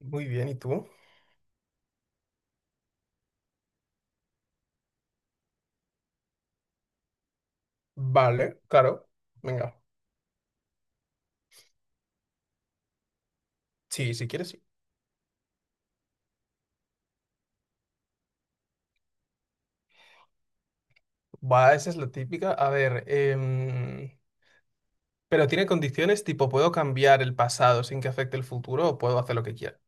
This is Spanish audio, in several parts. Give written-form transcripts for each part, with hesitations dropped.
Muy bien, ¿y tú? Vale, claro. Venga. Sí, si quieres, sí. Va, esa es la típica. A ver, pero tiene condiciones tipo, ¿puedo cambiar el pasado sin que afecte el futuro o puedo hacer lo que quiera?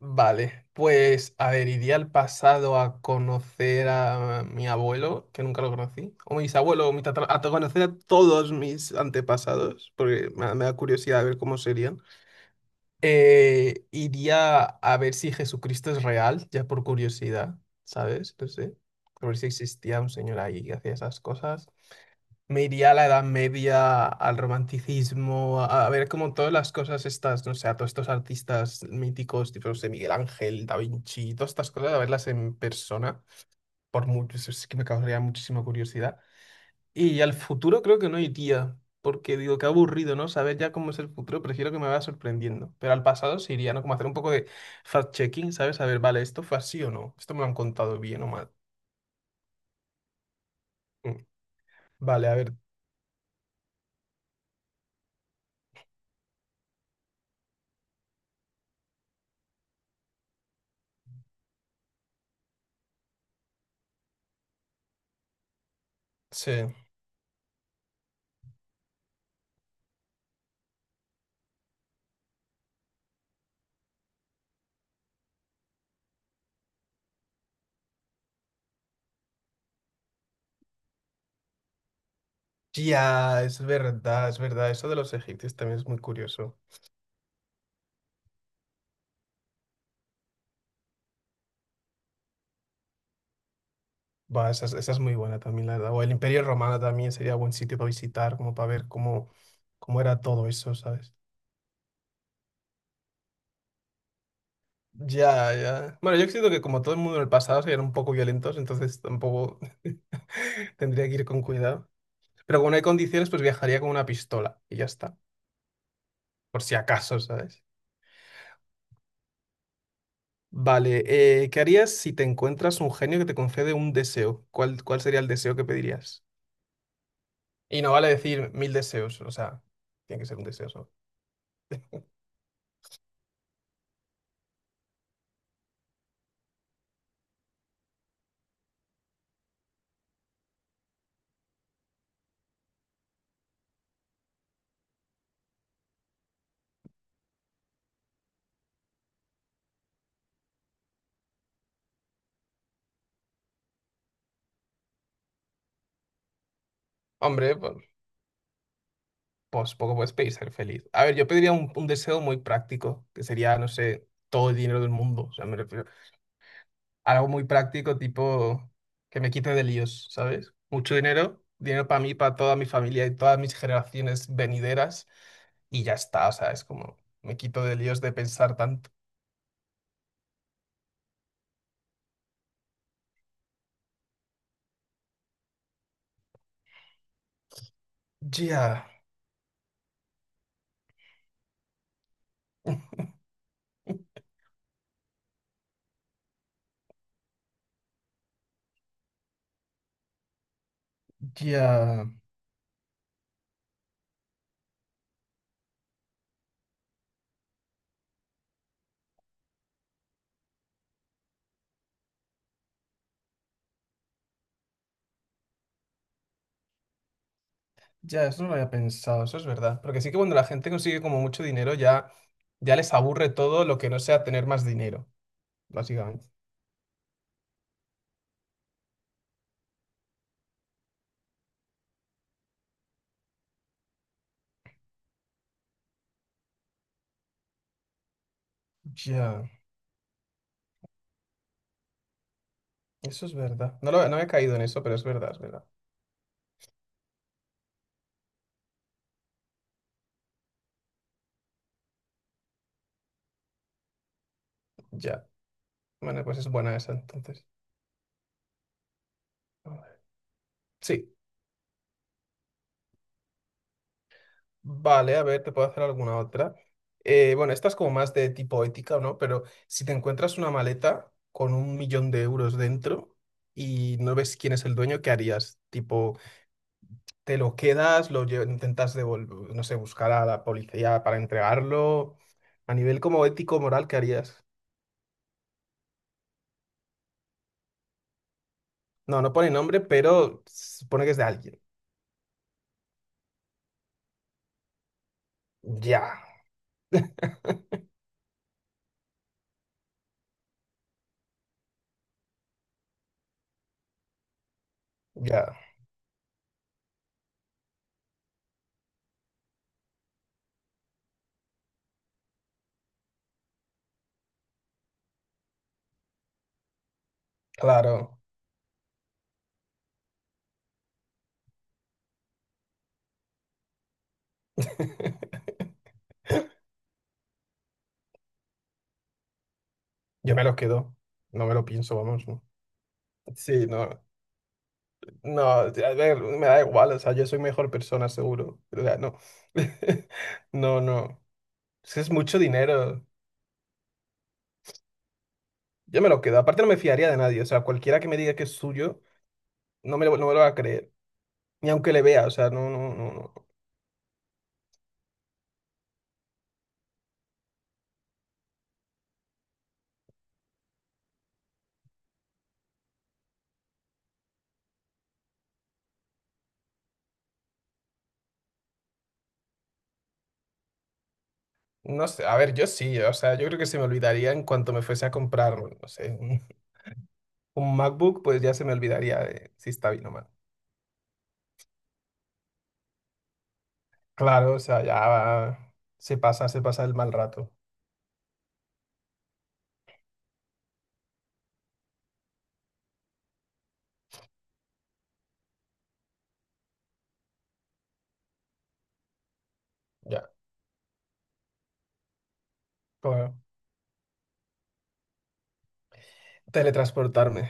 Vale, pues, a ver, iría al pasado a conocer a mi abuelo, que nunca lo conocí, o mis abuelos, o mi a conocer a todos mis antepasados, porque me da curiosidad ver cómo serían. Iría a ver si Jesucristo es real, ya por curiosidad, ¿sabes? No sé. A ver si existía un señor ahí que hacía esas cosas. Me iría a la Edad Media, al romanticismo, a ver como todas las cosas estas, no sé, a todos estos artistas míticos, tipo, no sé, Miguel Ángel, Da Vinci, todas estas cosas, a verlas en persona, por mucho, eso sí que me causaría muchísima curiosidad. Y al futuro creo que no iría, porque digo, qué aburrido, ¿no? Saber ya cómo es el futuro, prefiero que me vaya sorprendiendo. Pero al pasado sí iría, ¿no? Como hacer un poco de fact-checking, ¿sabes? Saber, vale, ¿esto fue así o no? ¿Esto me lo han contado bien o mal? Mm. Vale, a ver, sí. Ya, es verdad, es verdad. Eso de los egipcios también es muy curioso. Va, esa, esa es muy buena también, la verdad. O el Imperio Romano también sería buen sitio para visitar, como para ver cómo era todo eso, ¿sabes? Ya, ya. Bueno, yo siento que como todo el mundo en el pasado se eran un poco violentos, entonces tampoco tendría que ir con cuidado. Pero como no hay condiciones, pues viajaría con una pistola y ya está, por si acaso, ¿sabes? Vale, ¿qué harías si te encuentras un genio que te concede un deseo? ¿Cuál sería el deseo que pedirías? Y no vale decir mil deseos, o sea, tiene que ser un deseo solo. Hombre, pues, pues poco puedes pedir ser feliz. A ver, yo pediría un deseo muy práctico, que sería, no sé, todo el dinero del mundo. O sea, me refiero algo muy práctico, tipo que me quite de líos, ¿sabes? Mucho dinero, dinero para mí, para toda mi familia y todas mis generaciones venideras, y ya está, o sea, es como me quito de líos de pensar tanto. Ya, ya, ya, eso no lo había pensado, eso es verdad. Porque sí que cuando la gente consigue como mucho dinero, ya, ya les aburre todo lo que no sea tener más dinero, básicamente. Ya, eso es verdad. No he caído en eso, pero es verdad, es verdad. Ya. Bueno, pues es buena esa entonces. A ver. Sí. Vale, a ver, te puedo hacer alguna otra. Bueno, esta es como más de tipo ética, ¿no? Pero si te encuentras una maleta con un millón de euros dentro y no ves quién es el dueño, ¿qué harías? Tipo, ¿te lo quedas? ¿Intentas devolver? No sé, buscar a la policía para entregarlo. A nivel como ético, moral, ¿qué harías? No, no pone nombre, pero se supone que es de alguien. Ya, ya, claro. Yo me lo quedo. No me lo pienso, vamos. ¿No? Sí, no. No, a ver, me da igual, o sea, yo soy mejor persona, seguro. O sea, no. No, no. Es que es mucho dinero. Yo me lo quedo. Aparte, no me fiaría de nadie. O sea, cualquiera que me diga que es suyo, no me lo va a creer. Ni aunque le vea, o sea, no, no, no, no. No sé, a ver, yo sí, o sea, yo creo que se me olvidaría en cuanto me fuese a comprar, no sé, un MacBook, pues ya se me olvidaría de si está bien o mal. Claro, o sea, se pasa el mal rato. Ya, claro. Teletransportarme.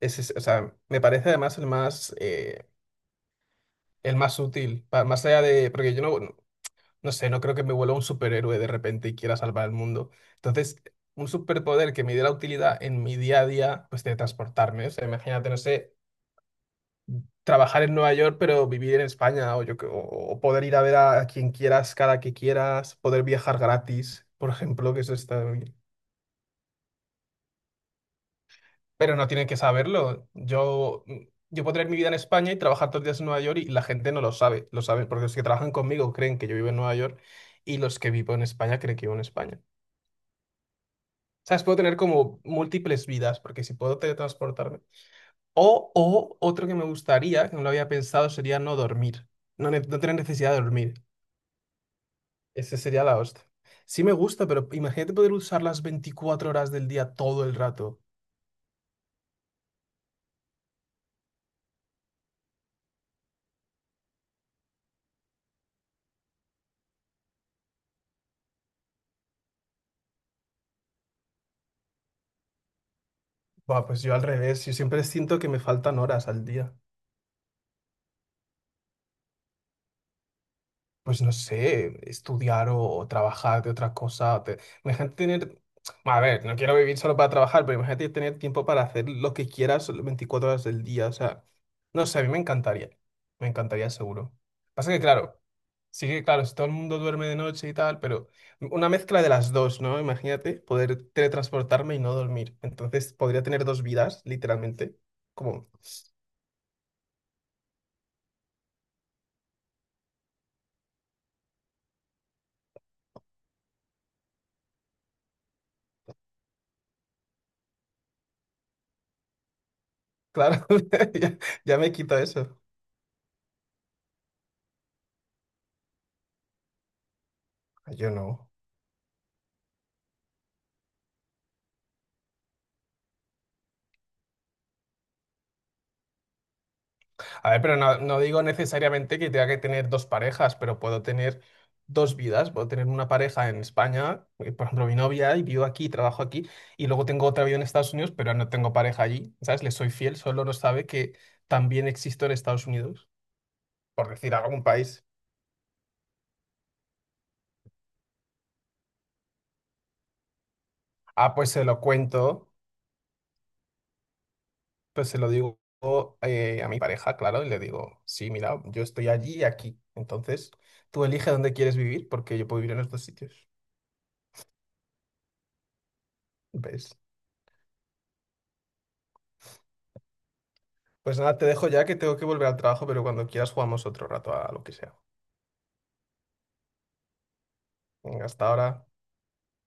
O sea, me parece además el más útil, más allá de, porque yo no sé, no creo que me vuelva un superhéroe de repente y quiera salvar el mundo. Entonces, un superpoder que me diera utilidad en mi día a día, pues de transportarme, o sea, imagínate, no sé, trabajar en Nueva York, pero vivir en España, o, yo, que- o poder ir a ver a quien quieras cada que quieras, poder viajar gratis, por ejemplo, que eso está bien. Pero no tienen que saberlo. Yo puedo tener mi vida en España y trabajar todos los días en Nueva York y la gente no lo sabe. Lo saben porque los que trabajan conmigo creen que yo vivo en Nueva York y los que vivo en España creen que vivo en España. ¿Sabes? Puedo tener como múltiples vidas porque si puedo teletransportarme. O otro que me gustaría, que no lo había pensado, sería no dormir. No, no tener necesidad de dormir. Ese sería la hostia. Sí me gusta, pero imagínate poder usar las 24 horas del día todo el rato. Buah, pues yo al revés, yo siempre siento que me faltan horas al día. Pues no sé, estudiar o trabajar de otra cosa. Imagínate tener, a ver, no quiero vivir solo para trabajar, pero imagínate tener tiempo para hacer lo que quieras las 24 horas del día. O sea, no sé, a mí me encantaría seguro. Pasa que claro, sí que claro, si todo el mundo duerme de noche y tal, pero una mezcla de las dos, ¿no? Imagínate poder teletransportarme y no dormir. Entonces podría tener dos vidas, literalmente. Como, claro, ya, ya me quito eso. Yo no. A ver, pero no, no digo necesariamente que tenga que tener dos parejas, pero puedo tener dos vidas. Puedo tener una pareja en España, por ejemplo, mi novia, y vivo aquí, trabajo aquí, y luego tengo otra vida en Estados Unidos, pero no tengo pareja allí, ¿sabes? Le soy fiel, solo no sabe que también existo en Estados Unidos, por decir algún país. Ah, pues se lo cuento, pues se lo digo a mi pareja, claro, y le digo, sí, mira, yo estoy allí y aquí, entonces tú elige dónde quieres vivir, porque yo puedo vivir en los dos sitios, ¿ves? Pues nada, te dejo ya que tengo que volver al trabajo, pero cuando quieras jugamos otro rato a lo que sea. Venga, hasta ahora.